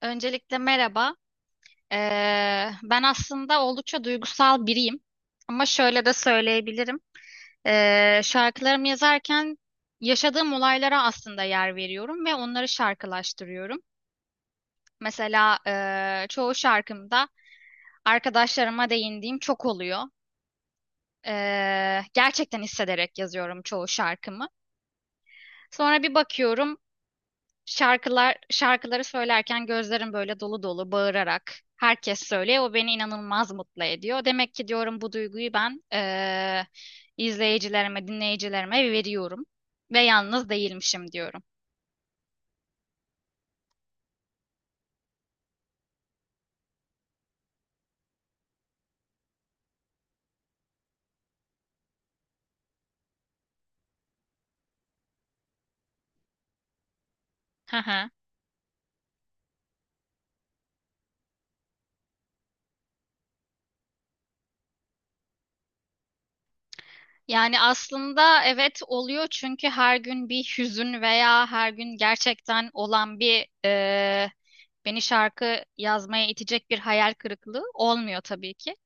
Öncelikle merhaba. Ben aslında oldukça duygusal biriyim. Ama şöyle de söyleyebilirim. Şarkılarımı yazarken yaşadığım olaylara aslında yer veriyorum ve onları şarkılaştırıyorum. Mesela çoğu şarkımda arkadaşlarıma değindiğim çok oluyor. Gerçekten hissederek yazıyorum çoğu şarkımı. Sonra bir bakıyorum. Şarkıları söylerken gözlerim böyle dolu dolu bağırarak herkes söylüyor. O beni inanılmaz mutlu ediyor. Demek ki diyorum bu duyguyu ben izleyicilerime, dinleyicilerime veriyorum ve yalnız değilmişim diyorum. Hı hı. Yani aslında evet oluyor çünkü her gün bir hüzün veya her gün gerçekten olan bir beni şarkı yazmaya itecek bir hayal kırıklığı olmuyor tabii ki.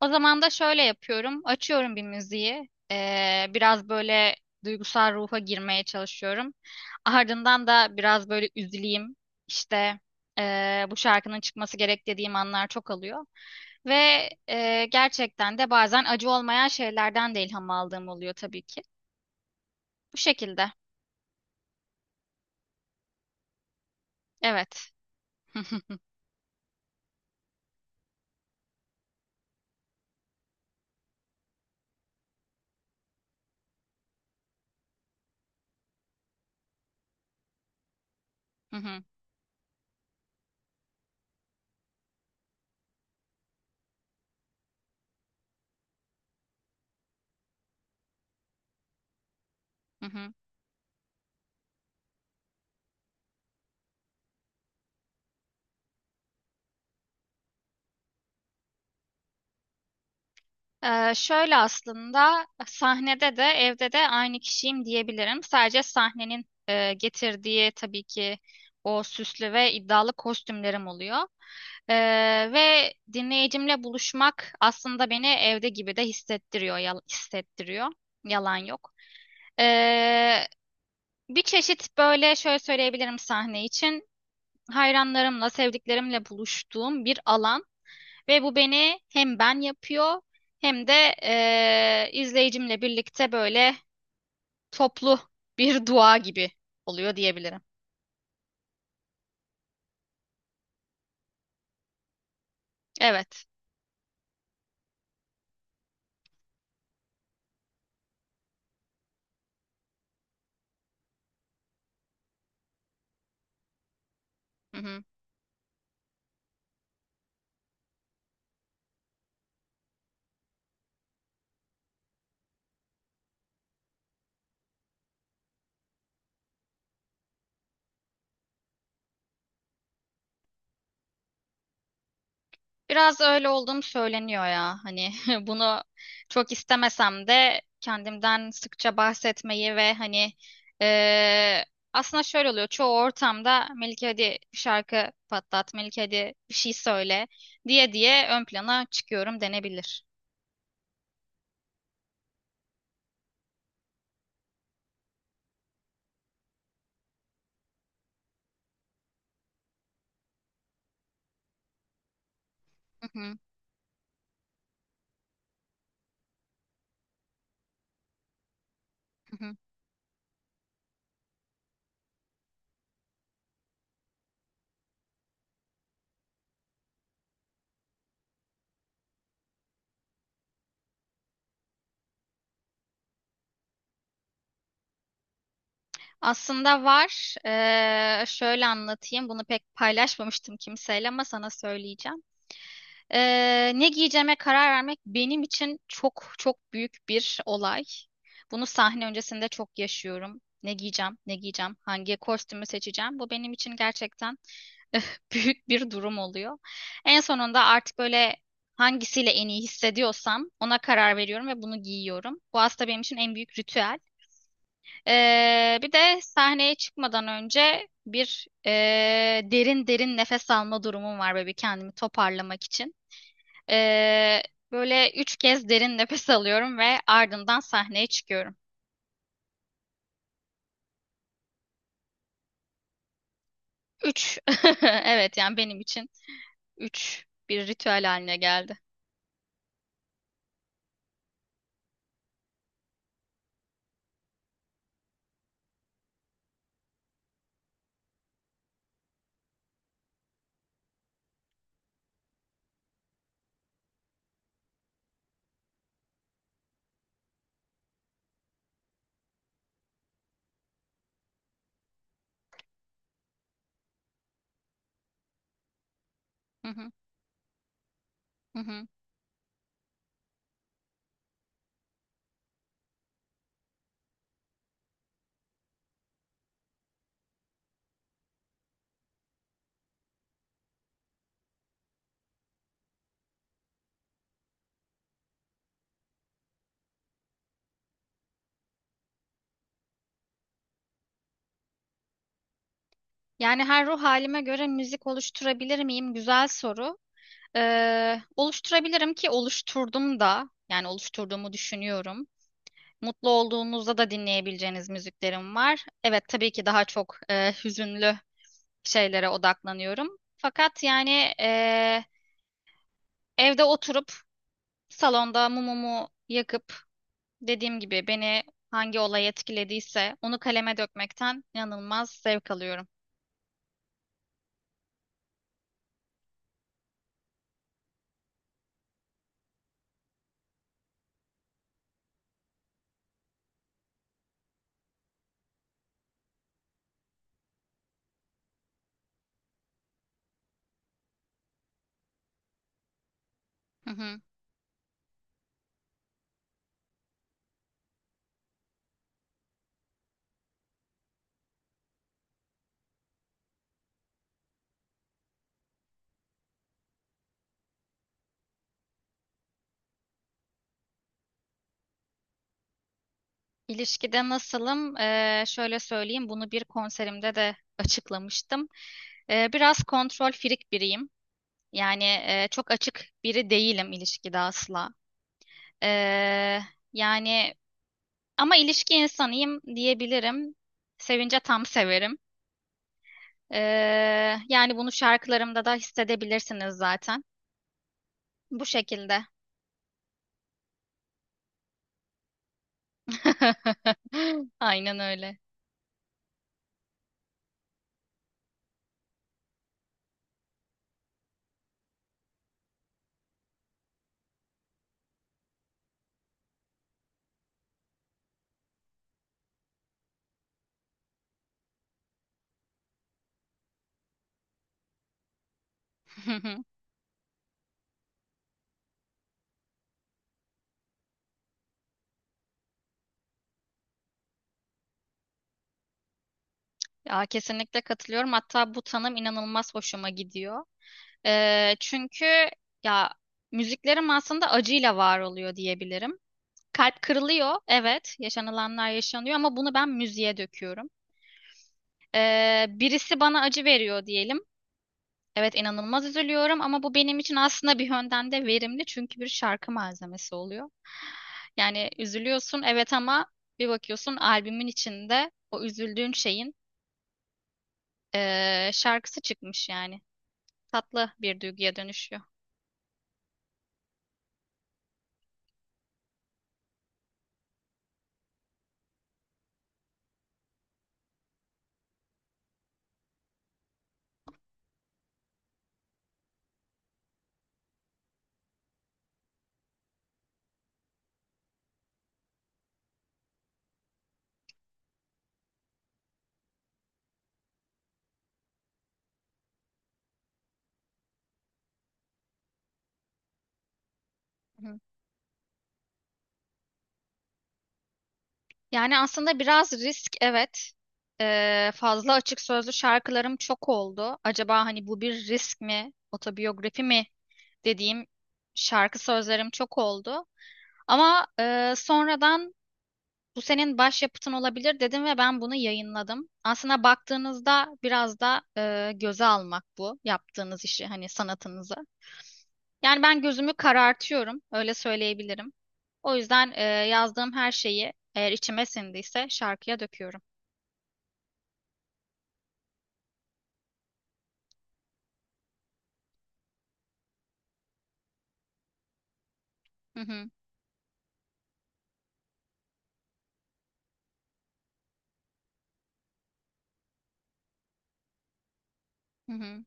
O zaman da şöyle yapıyorum. Açıyorum bir müziği. Biraz böyle duygusal ruha girmeye çalışıyorum. Ardından da biraz böyle üzüleyim. İşte bu şarkının çıkması gerek dediğim anlar çok alıyor. Ve gerçekten de bazen acı olmayan şeylerden de ilham aldığım oluyor tabii ki. Bu şekilde. Evet. Şöyle aslında sahnede de evde de aynı kişiyim diyebilirim. Sadece sahnenin getirdiği tabii ki o süslü ve iddialı kostümlerim oluyor. Ee, Ve dinleyicimle buluşmak aslında beni evde gibi de hissettiriyor, hissettiriyor. Yalan yok. Ee, Bir çeşit böyle şöyle söyleyebilirim sahne için. Hayranlarımla, sevdiklerimle buluştuğum bir alan. Ve bu beni hem ben yapıyor hem de izleyicimle birlikte böyle toplu bir dua gibi oluyor diyebilirim. Evet. Hı hı. Biraz öyle olduğum söyleniyor ya. Hani bunu çok istemesem de kendimden sıkça bahsetmeyi ve hani eee, aslında şöyle oluyor. Çoğu ortamda Melike hadi bir şarkı patlat, Melike hadi bir şey söyle diye diye ön plana çıkıyorum denebilir. Hı hı. Hı hı. Aslında var. Şöyle anlatayım. Bunu pek paylaşmamıştım kimseyle ama sana söyleyeceğim. Ne giyeceğime karar vermek benim için çok çok büyük bir olay. Bunu sahne öncesinde çok yaşıyorum. Ne giyeceğim, ne giyeceğim, hangi kostümü seçeceğim. Bu benim için gerçekten büyük bir durum oluyor. En sonunda artık böyle hangisiyle en iyi hissediyorsam ona karar veriyorum ve bunu giyiyorum. Bu aslında benim için en büyük ritüel. Bir de sahneye çıkmadan önce bir derin derin nefes alma durumum var böyle bir kendimi toparlamak için. Ee, Böyle üç kez derin nefes alıyorum ve ardından sahneye çıkıyorum. Üç. Evet yani benim için üç bir ritüel haline geldi. Hı hı, hı hı. Yani her ruh halime göre müzik oluşturabilir miyim? Güzel soru. Oluşturabilirim ki oluşturdum da yani oluşturduğumu düşünüyorum. Mutlu olduğunuzda da dinleyebileceğiniz müziklerim var. Evet tabii ki daha çok hüzünlü şeylere odaklanıyorum. Fakat yani e, evde oturup salonda mumumu yakıp dediğim gibi beni hangi olay etkilediyse onu kaleme dökmekten inanılmaz zevk alıyorum. Hı hı. İlişkide nasılım? Şöyle söyleyeyim bunu bir konserimde de açıklamıştım. Biraz kontrol firik biriyim. Yani çok açık biri değilim ilişkide asla. Ee, Yani ama ilişki insanıyım diyebilirim. Sevince tam severim. Yani bunu şarkılarımda da hissedebilirsiniz zaten. Bu şekilde. Aynen öyle. Ya, kesinlikle katılıyorum. Hatta bu tanım inanılmaz hoşuma gidiyor. Çünkü ya müziklerim aslında acıyla var oluyor diyebilirim. Kalp kırılıyor, evet, yaşanılanlar yaşanıyor ama bunu ben müziğe döküyorum. Birisi bana acı veriyor diyelim. Evet inanılmaz üzülüyorum ama bu benim için aslında bir yönden de verimli çünkü bir şarkı malzemesi oluyor. Yani üzülüyorsun evet ama bir bakıyorsun albümün içinde o üzüldüğün şeyin şarkısı çıkmış yani. Tatlı bir duyguya dönüşüyor. Hı. Yani aslında biraz risk evet. Fazla açık sözlü şarkılarım çok oldu. Acaba hani bu bir risk mi, otobiyografi mi dediğim şarkı sözlerim çok oldu. Ama sonradan bu senin başyapıtın olabilir dedim ve ben bunu yayınladım. Aslında baktığınızda biraz da göze almak bu yaptığınız işi hani sanatınızı. Yani ben gözümü karartıyorum öyle söyleyebilirim. O yüzden yazdığım her şeyi eğer içime sindiyse şarkıya döküyorum. Hı hı, hı hı.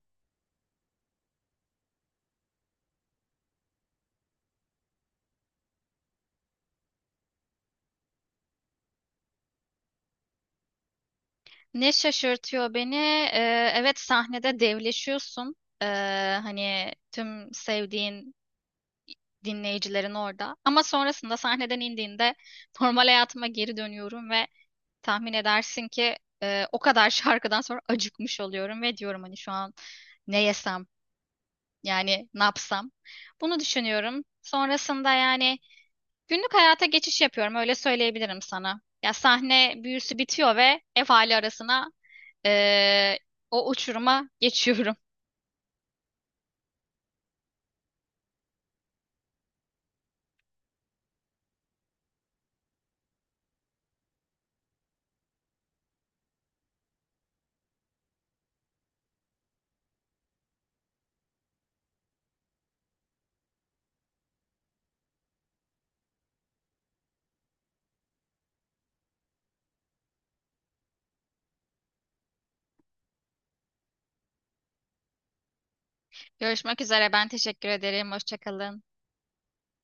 Ne şaşırtıyor beni? Evet sahnede devleşiyorsun. Ee, Hani tüm sevdiğin dinleyicilerin orada. Ama sonrasında sahneden indiğinde normal hayatıma geri dönüyorum ve tahmin edersin ki o kadar şarkıdan sonra acıkmış oluyorum ve diyorum hani şu an ne yesem yani ne yapsam. Bunu düşünüyorum. Sonrasında yani günlük hayata geçiş yapıyorum öyle söyleyebilirim sana. Ya sahne büyüsü bitiyor ve ev hali arasına eee, o uçuruma geçiyorum. Görüşmek üzere ben teşekkür ederim. Hoşça kalın.